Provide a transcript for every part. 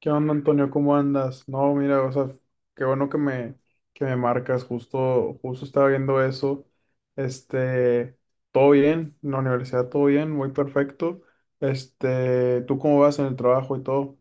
¿Qué onda, Antonio? ¿Cómo andas? No, mira, o sea, qué bueno que que me marcas. Justo estaba viendo eso. Este, Todo bien, en la universidad todo bien, muy perfecto. ¿Tú cómo vas en el trabajo y todo?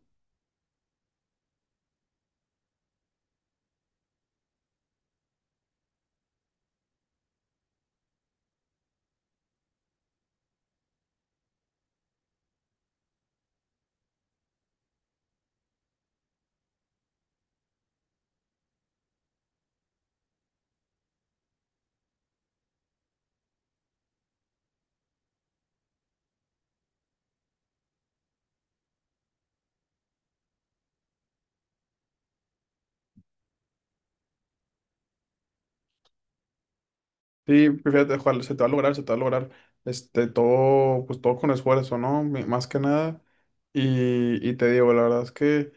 Sí, fíjate, ojalá, se te va a lograr, se te va a lograr. Todo, pues todo con esfuerzo, ¿no? Más que nada. Y te digo, la verdad es que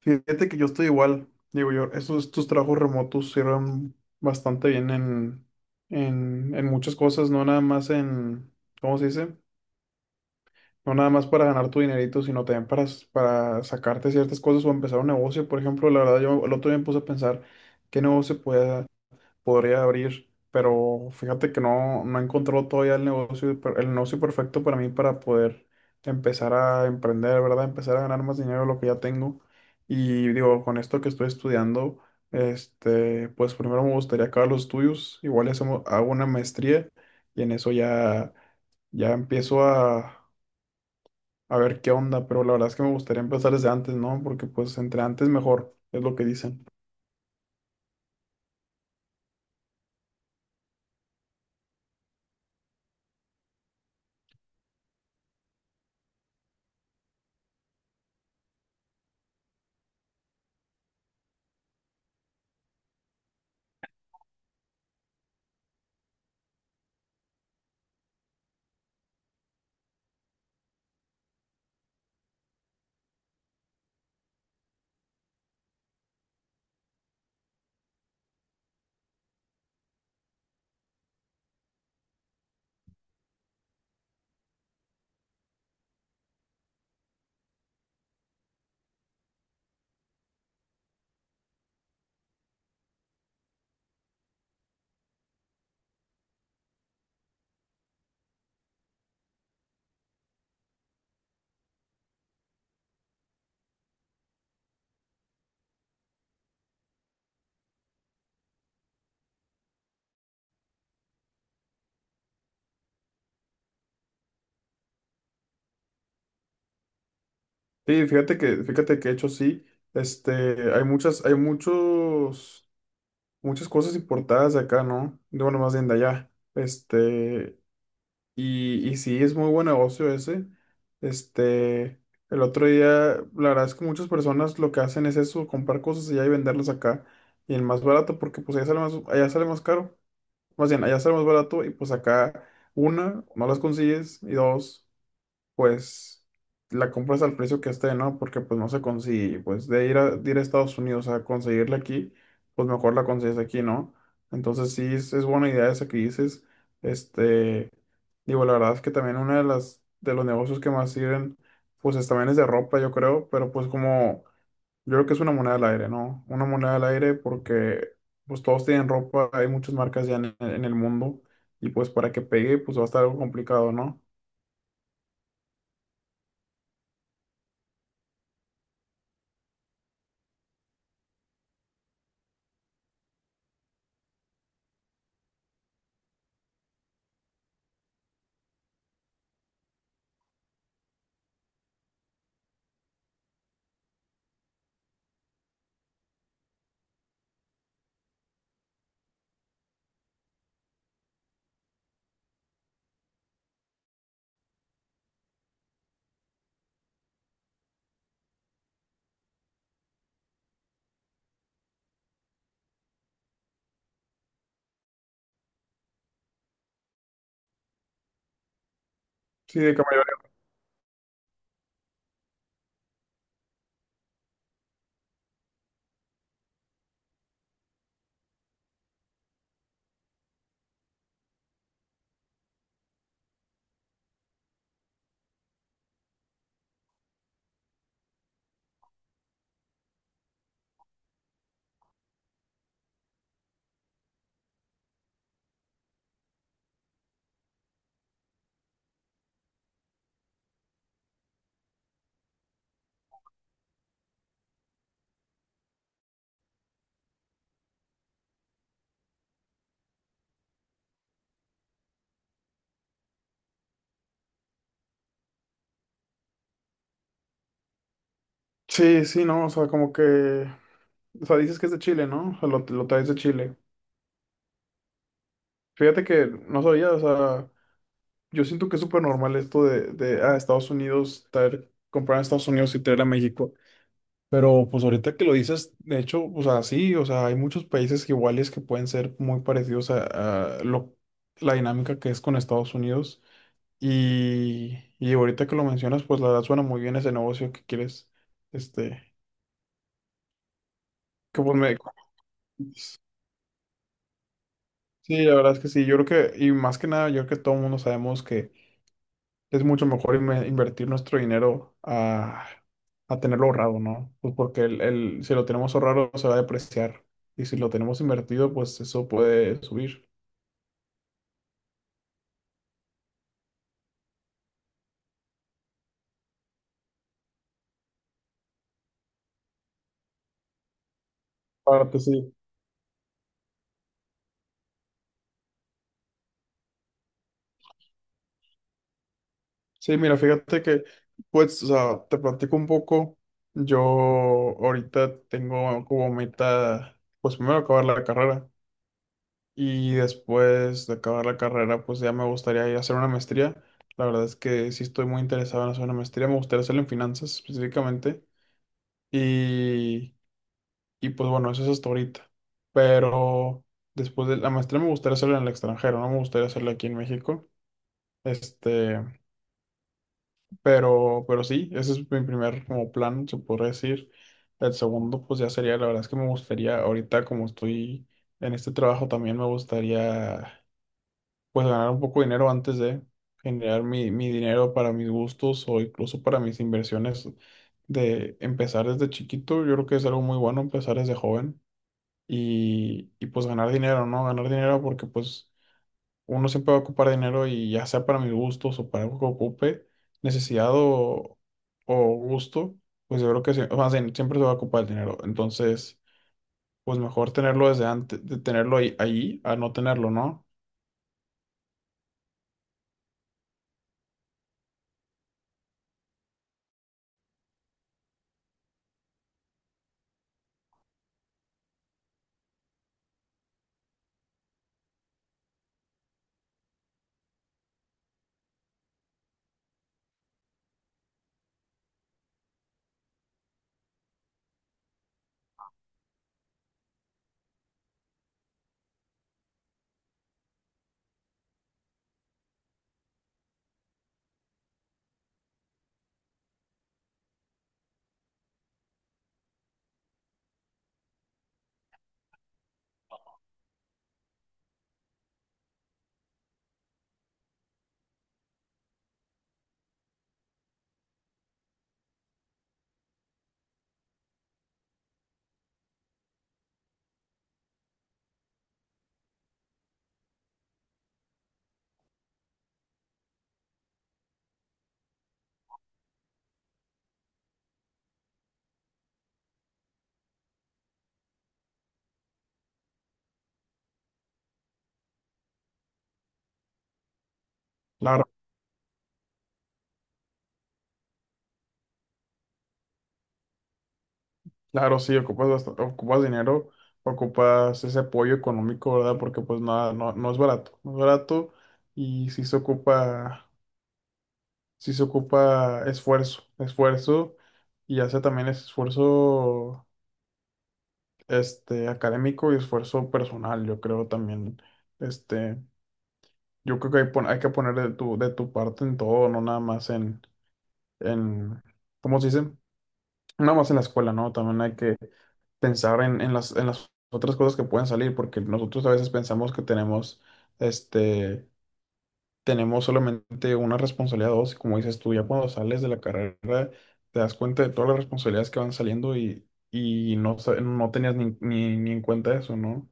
fíjate que yo estoy igual. Digo yo, estos trabajos remotos sirven bastante bien en muchas cosas, no nada más ¿cómo se dice? No nada más para ganar tu dinerito, sino también para sacarte ciertas cosas o empezar un negocio. Por ejemplo, la verdad, yo el otro día me puse a pensar qué negocio podía podría abrir, pero fíjate que no he encontrado todavía el negocio perfecto para mí para poder empezar a emprender, ¿verdad? Empezar a ganar más dinero de lo que ya tengo. Y digo, con esto que estoy estudiando, pues primero me gustaría acabar los estudios, igual y hago una maestría y en eso ya, ya empiezo a ver qué onda, pero la verdad es que me gustaría empezar desde antes, ¿no? Porque pues entre antes mejor, es lo que dicen. Sí, fíjate que de hecho sí, hay hay muchos, muchas cosas importadas de acá, ¿no? De, bueno, más bien de allá, y sí, es muy buen negocio ese, este, el otro día, la verdad es que muchas personas lo que hacen es eso, comprar cosas allá y venderlas acá, y el más barato, porque pues allá sale más caro, más bien, allá sale más barato, y pues acá, una, no las consigues, y dos, pues la compras al precio que esté, ¿no? Porque pues no se consigue, pues de ir de ir a Estados Unidos a conseguirla aquí, pues mejor la consigues aquí, ¿no? Entonces sí, es buena idea esa que dices. Este, Digo, la verdad es que también una de de los negocios que más sirven, pues también es de ropa, yo creo, pero pues como, yo creo que es una moneda al aire, ¿no? Una moneda al aire porque pues todos tienen ropa, hay muchas marcas ya en el mundo y pues para que pegue, pues va a estar algo complicado, ¿no? Sí, de que sí, sí, no, o sea, como que, o sea, dices que es de Chile, ¿no? O sea, lo traes de Chile. Fíjate que no sabía, o sea, yo siento que es súper normal esto ah, Estados Unidos, traer, comprar en Estados Unidos y traer a México. Pero pues ahorita que lo dices, de hecho, o sea, sí, o sea, hay muchos países iguales que pueden ser muy parecidos a lo, la dinámica que es con Estados Unidos. Y ahorita que lo mencionas, pues la verdad suena muy bien ese negocio que quieres, este, que pues, me, sí, la verdad es que sí. Yo creo que, y más que nada, yo creo que todo el mundo sabemos que es mucho mejor invertir nuestro dinero a tenerlo ahorrado, ¿no? Pues porque si lo tenemos ahorrado se va a depreciar. Y si lo tenemos invertido, pues eso puede subir. Aparte, sí. Sí, mira, fíjate que, pues, o sea, te platico un poco. Yo ahorita tengo como meta, pues primero acabar la carrera. Y después de acabar la carrera, pues ya me gustaría ir a hacer una maestría. La verdad es que sí estoy muy interesado en hacer una maestría. Me gustaría hacerla en finanzas específicamente. Y, y pues bueno, eso es hasta ahorita. Pero después de la maestría me gustaría hacerla en el extranjero, no me gustaría hacerla aquí en México. Este, pero sí, ese es mi primer como plan, se podría decir. El segundo, pues ya sería, la verdad es que me gustaría, ahorita como estoy en este trabajo, también me gustaría pues ganar un poco de dinero antes de generar mi dinero para mis gustos o incluso para mis inversiones de empezar desde chiquito. Yo creo que es algo muy bueno empezar desde joven y pues ganar dinero, ¿no? Ganar dinero porque pues uno siempre va a ocupar dinero y ya sea para mis gustos o para algo que ocupe, necesidad o gusto, pues yo creo que sí, más bien, siempre se va a ocupar el dinero. Entonces, pues mejor tenerlo desde antes, de tenerlo ahí, ahí a no tenerlo, ¿no? Claro, claro, sí, ocupas bastante, ocupas dinero, ocupas ese apoyo económico, ¿verdad? Porque pues nada, no es barato, no es barato y sí se ocupa esfuerzo, esfuerzo y hace también ese esfuerzo académico y esfuerzo personal, yo creo también, este, yo creo que hay que poner de de tu parte en todo, no nada más en, ¿cómo se dice? No nada más en la escuela, ¿no? También hay que pensar en en las otras cosas que pueden salir, porque nosotros a veces pensamos que tenemos, este, tenemos solamente una responsabilidad o dos, y como dices tú, ya cuando sales de la carrera te das cuenta de todas las responsabilidades que van saliendo no tenías ni en cuenta eso, ¿no?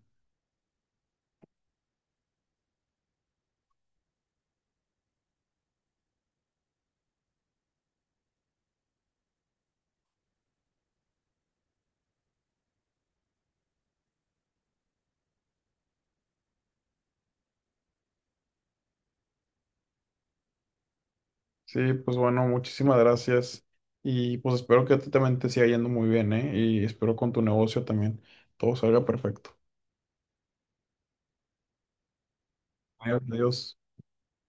Sí, pues bueno, muchísimas gracias y pues espero que a ti también te siga yendo muy bien, ¿eh? Y espero con tu negocio también todo salga perfecto. Adiós, adiós.